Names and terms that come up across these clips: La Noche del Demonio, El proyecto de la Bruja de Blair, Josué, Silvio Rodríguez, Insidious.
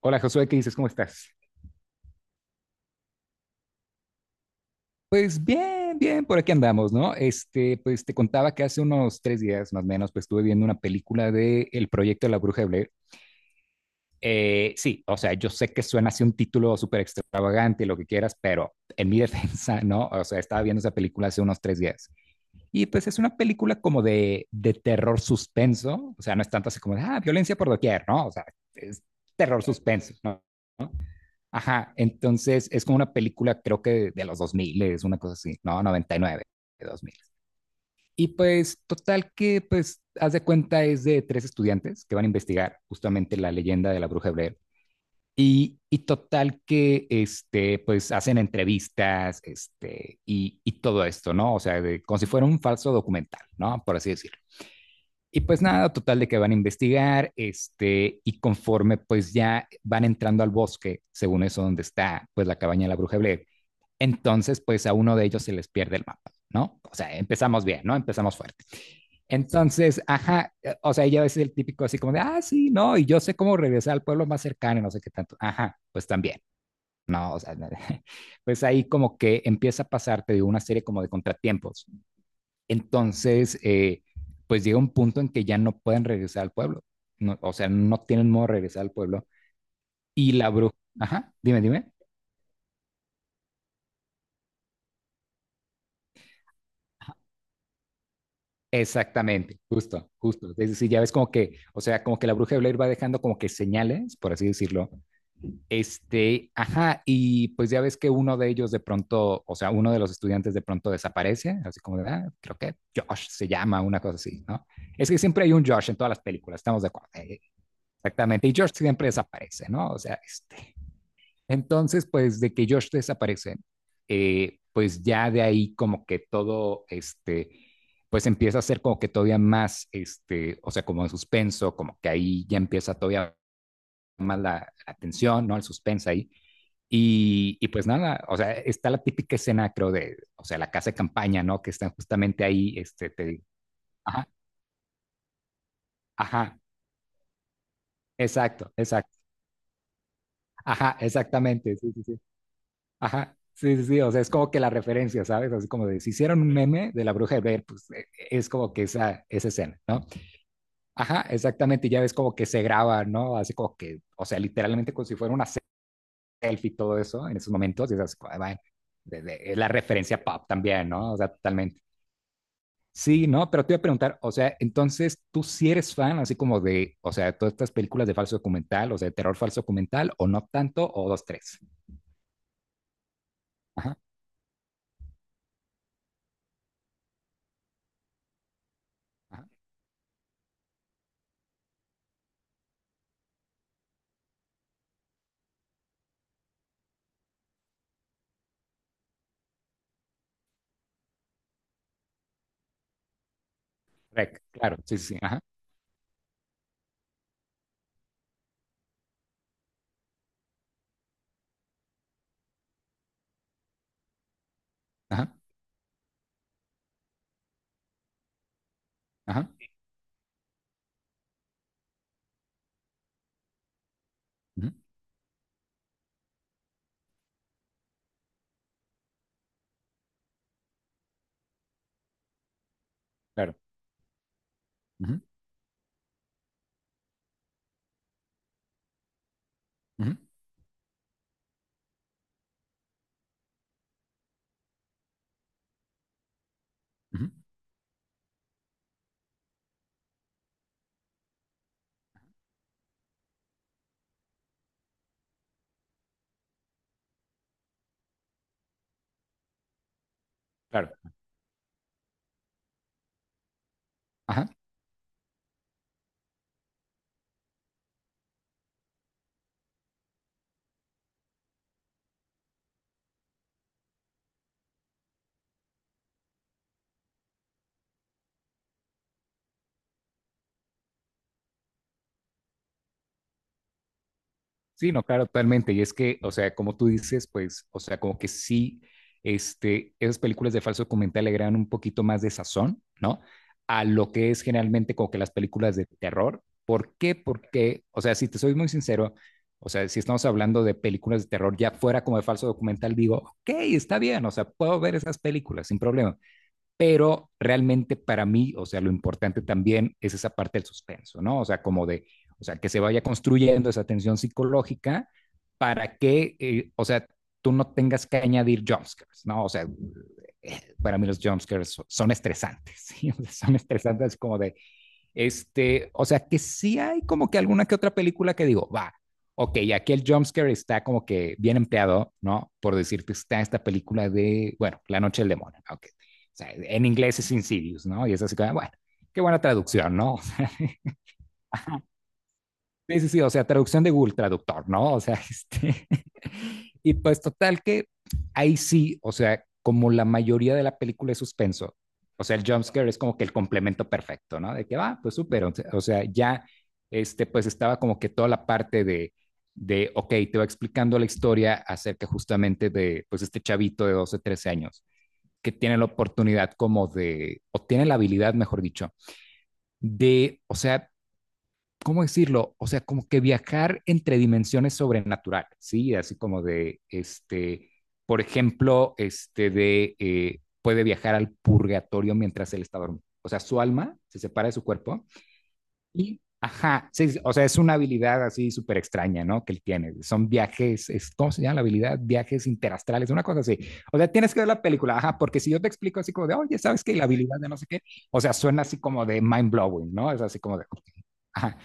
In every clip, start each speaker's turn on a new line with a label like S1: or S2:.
S1: Hola Josué, ¿qué dices? ¿Cómo estás? Pues bien, bien, por aquí andamos, ¿no? Pues te contaba que hace unos tres días más o menos, pues estuve viendo una película de El proyecto de la Bruja de Blair. Sí, o sea, yo sé que suena así un título súper extravagante y lo que quieras, pero en mi defensa, ¿no? O sea, estaba viendo esa película hace unos tres días. Y pues es una película como de terror suspenso, o sea, no es tanto así como de, ah, violencia por doquier, ¿no? O sea, es terror suspenso, ¿no? Ajá, entonces es como una película, creo que de los 2000 es una cosa así, no, noventa y nueve de 2000. Y pues total que, pues, haz de cuenta es de tres estudiantes que van a investigar justamente la leyenda de la bruja hebrea. Y total que, pues, hacen entrevistas, y todo esto, ¿no? O sea, de- como si fuera un falso documental, ¿no? Por así decirlo. Y pues nada, total de que van a investigar, y conforme pues ya van entrando al bosque, según eso donde está pues la cabaña de la bruja Blair, entonces pues a uno de ellos se les pierde el mapa, ¿no? O sea, empezamos bien, ¿no? Empezamos fuerte. Entonces, ajá, o sea, ella es el típico así como de, ah, sí, no, y yo sé cómo regresar al pueblo más cercano, no sé qué tanto, ajá, pues también, no, o sea, pues ahí como que empieza a pasarte de una serie como de contratiempos, entonces, pues llega un punto en que ya no pueden regresar al pueblo. No, o sea, no tienen modo de regresar al pueblo. Y la bruja, ajá, dime, dime. Exactamente, justo, justo. Es decir, ya ves como que, o sea, como que la bruja de Blair va dejando como que señales, por así decirlo. Ajá, y pues ya ves que uno de ellos de pronto, o sea, uno de los estudiantes de pronto desaparece, así como de, ah, creo que Josh se llama, una cosa así, ¿no? Es que siempre hay un Josh en todas las películas, estamos de acuerdo. Exactamente. Y Josh siempre desaparece, ¿no? O sea, este. Entonces, pues de que Josh desaparece, pues ya de ahí como que todo, pues empieza a ser como que todavía más, o sea, como en suspenso, como que ahí ya empieza todavía más la tensión, ¿no? El suspenso ahí. Pues nada, o sea, está la típica escena, creo, de, o sea, la casa de campaña, ¿no? Que están justamente ahí, te digo, ajá, ajá, exacto, exacto, ajá, exactamente, sí, sí, sí. Ajá, sí, sí, sí, o sea, es como que la referencia, ¿sabes? Así como de si hicieron un meme de la bruja de Blair, pues es como que esa escena, ¿no? Ajá, exactamente, y ya ves como que se graba, ¿no? Así como que, o sea, literalmente como si fuera una selfie y todo eso en esos momentos, y es así, como, ah, va, de- es la referencia pop también, ¿no? O sea, totalmente. Sí, ¿no? Pero te iba a preguntar, o sea, entonces, ¿tú sí eres fan así como de, o sea, todas estas películas de falso documental, o sea, de terror falso documental, o no tanto, o dos, tres? Ajá, ajá. Rec, claro, sí, sí, sí, ajá, ajá. Ajá. Ujú. Claro. Ujú, ujú, ujú. Claro. Ajá. Sí, no, claro, totalmente. Y es que, o sea, como tú dices, pues, o sea, como que sí, esas películas de falso documental le agregan un poquito más de sazón, ¿no? A lo que es generalmente como que las películas de terror. ¿Por qué? Porque, o sea, si te soy muy sincero, o sea, si estamos hablando de películas de terror ya fuera como de falso documental, digo, ok, está bien, o sea, puedo ver esas películas sin problema. Pero realmente para mí, o sea, lo importante también es esa parte del suspenso, ¿no? O sea, como de, o sea, que se vaya construyendo esa tensión psicológica para que, o sea, tú no tengas que añadir jumpscares, ¿no? O sea, para mí los jumpscares son estresantes, ¿sí? O sea, son estresantes como de, o sea, que sí hay como que alguna que otra película que digo, va, ok, aquí el jumpscare está como que bien empleado, ¿no? Por decirte, está esta película de, bueno, La Noche del Demonio, ok. O sea, en inglés es Insidious, ¿no? Y es así como, bueno, qué buena traducción, ¿no? Sí, sí, sí, o sea, traducción de Google Traductor, ¿no? O sea, este... Y pues total que ahí sí, o sea, como la mayoría de la película es suspenso, o sea, el jumpscare es como que el complemento perfecto, ¿no? De que va, ah, pues súper, o sea, ya, pues estaba como que toda la parte de, ok, te va explicando la historia acerca justamente de, pues, este chavito de 12 o 13 años que tiene la oportunidad como de, o tiene la habilidad, mejor dicho, de, o sea, ¿cómo decirlo? O sea, como que viajar entre dimensiones sobrenatural, ¿sí? Así como de, por ejemplo, este de, puede viajar al purgatorio mientras él está dormido. O sea, su alma se separa de su cuerpo y, ajá, sí, sí, o sea, es una habilidad así súper extraña, ¿no? Que él tiene. Son viajes, es, ¿cómo se llama la habilidad? Viajes interastrales, una cosa así. O sea, tienes que ver la película, ajá, porque si yo te explico así como de, oye, ¿sabes qué? La habilidad de no sé qué, o sea, suena así como de mind blowing, ¿no? Es así como de, ajá.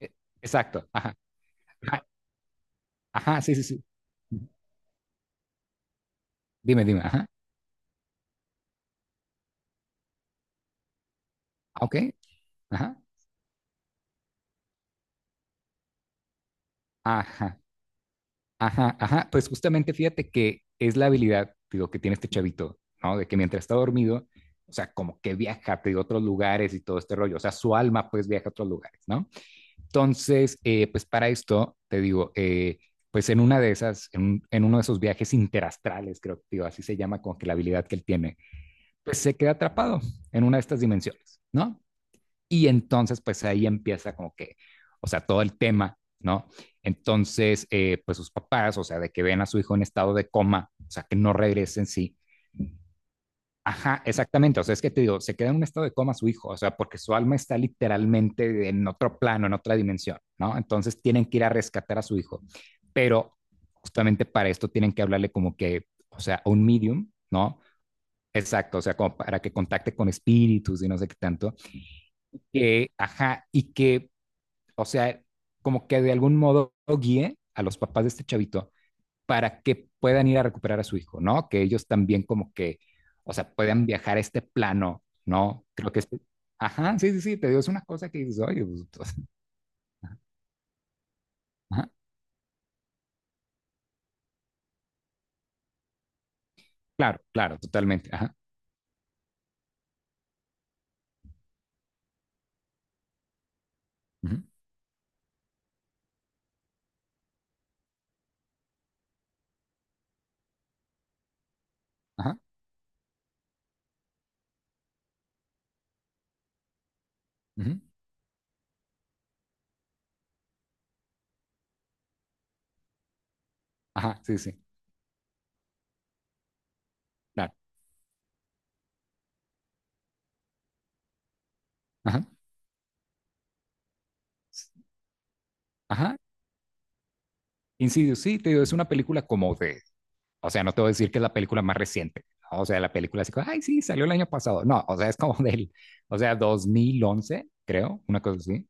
S1: E- Exacto. Ajá. Ajá. Ajá. Sí, sí, sí. Dime, dime. Ajá. Ah, ok. Ajá. Ajá. Ajá. Ajá. Pues justamente fíjate que es la habilidad, digo, que tiene este chavito, ¿no? De que mientras está dormido, o sea, como que viaja te digo, a otros lugares y todo este rollo. O sea, su alma pues viaja a otros lugares, ¿no? Entonces, pues para esto, te digo, pues en una de esas, en, un- en uno de esos viajes interastrales, creo que, digo, así se llama como que la habilidad que él tiene, pues se queda atrapado en una de estas dimensiones, ¿no? Y entonces, pues ahí empieza como que, o sea, todo el tema, ¿no? Entonces, pues sus papás, o sea, de que ven a su hijo en estado de coma, o sea, que no regrese en sí. Ajá, exactamente. O sea, es que te digo, se queda en un estado de coma su hijo, o sea, porque su alma está literalmente en otro plano, en otra dimensión, ¿no? Entonces tienen que ir a rescatar a su hijo, pero justamente para esto tienen que hablarle como que, o sea, a un medium, ¿no? Exacto, o sea, como para que contacte con espíritus y no sé qué tanto. Que, ajá, y que o sea, como que de algún modo guíe a los papás de este chavito para que puedan ir a recuperar a su hijo, ¿no? Que ellos también como que, o sea, puedan viajar a este plano, ¿no? Creo que es... Ajá, sí, sí, sí, te digo, es una cosa que dices, oye, pues, o sea, ajá, claro, claro, totalmente, ajá, ujú, ajá, ujú, ajá, sí, sí, claro, ajá, s- ajá, Insidious, sí, te digo, es una película como de. O sea, no te voy a decir que es la película más reciente. ¿No? O sea, la película así como, ay, sí, salió el año pasado. No, o sea, es como del, o sea, 2011, creo, una cosa así.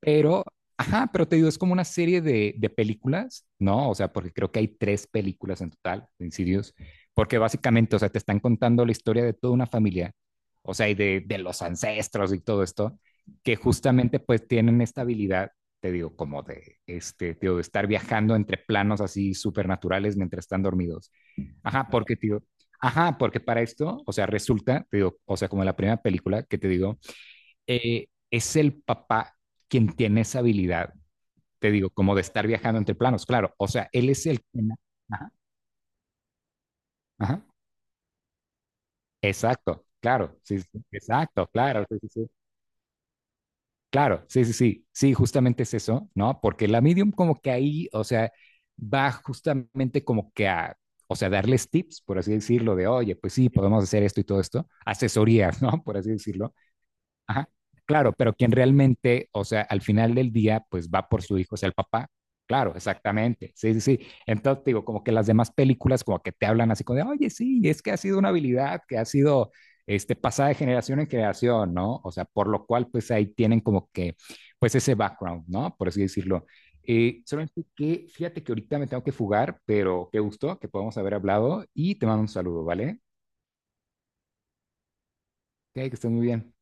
S1: Pero, ajá, pero te digo, es como una serie de películas, ¿no? O sea, porque creo que hay tres películas en total de Insidious, porque básicamente, o sea, te están contando la historia de toda una familia, o sea, y de, los ancestros y todo esto, que justamente pues tienen esta habilidad te digo, como de, te digo, de estar viajando entre planos así supernaturales mientras están dormidos. Ajá, porque, tío, ajá, porque para esto, o sea, resulta, te digo, o sea, como en la primera película que te digo, es el papá quien tiene esa habilidad, te digo, como de estar viajando entre planos, claro, o sea, él es el que... Ajá, ajá, exacto, claro, sí, sí, exacto, claro, sí, sí, sí, claro, sí, sí, sí, sí, justamente es eso, ¿no? Porque la medium como que ahí, o sea, va justamente como que a, o sea, darles tips, por así decirlo, de, oye, pues sí, podemos hacer esto y todo esto, asesorías, ¿no? Por así decirlo. Ajá, claro, pero quien realmente, o sea, al final del día, pues va por su hijo, o sea, el papá. Claro, exactamente. Sí, sí, sí. Entonces, digo, como que las demás películas como que te hablan así como de, oye, sí, es que ha sido una habilidad que ha sido pasada de generación en generación, ¿no? O sea, por lo cual, pues ahí tienen como que, pues ese background, ¿no? Por así decirlo. Solamente que, fíjate que ahorita me tengo que fugar, pero qué gusto que podamos haber hablado y te mando un saludo, ¿vale? Ok, que estés muy bien.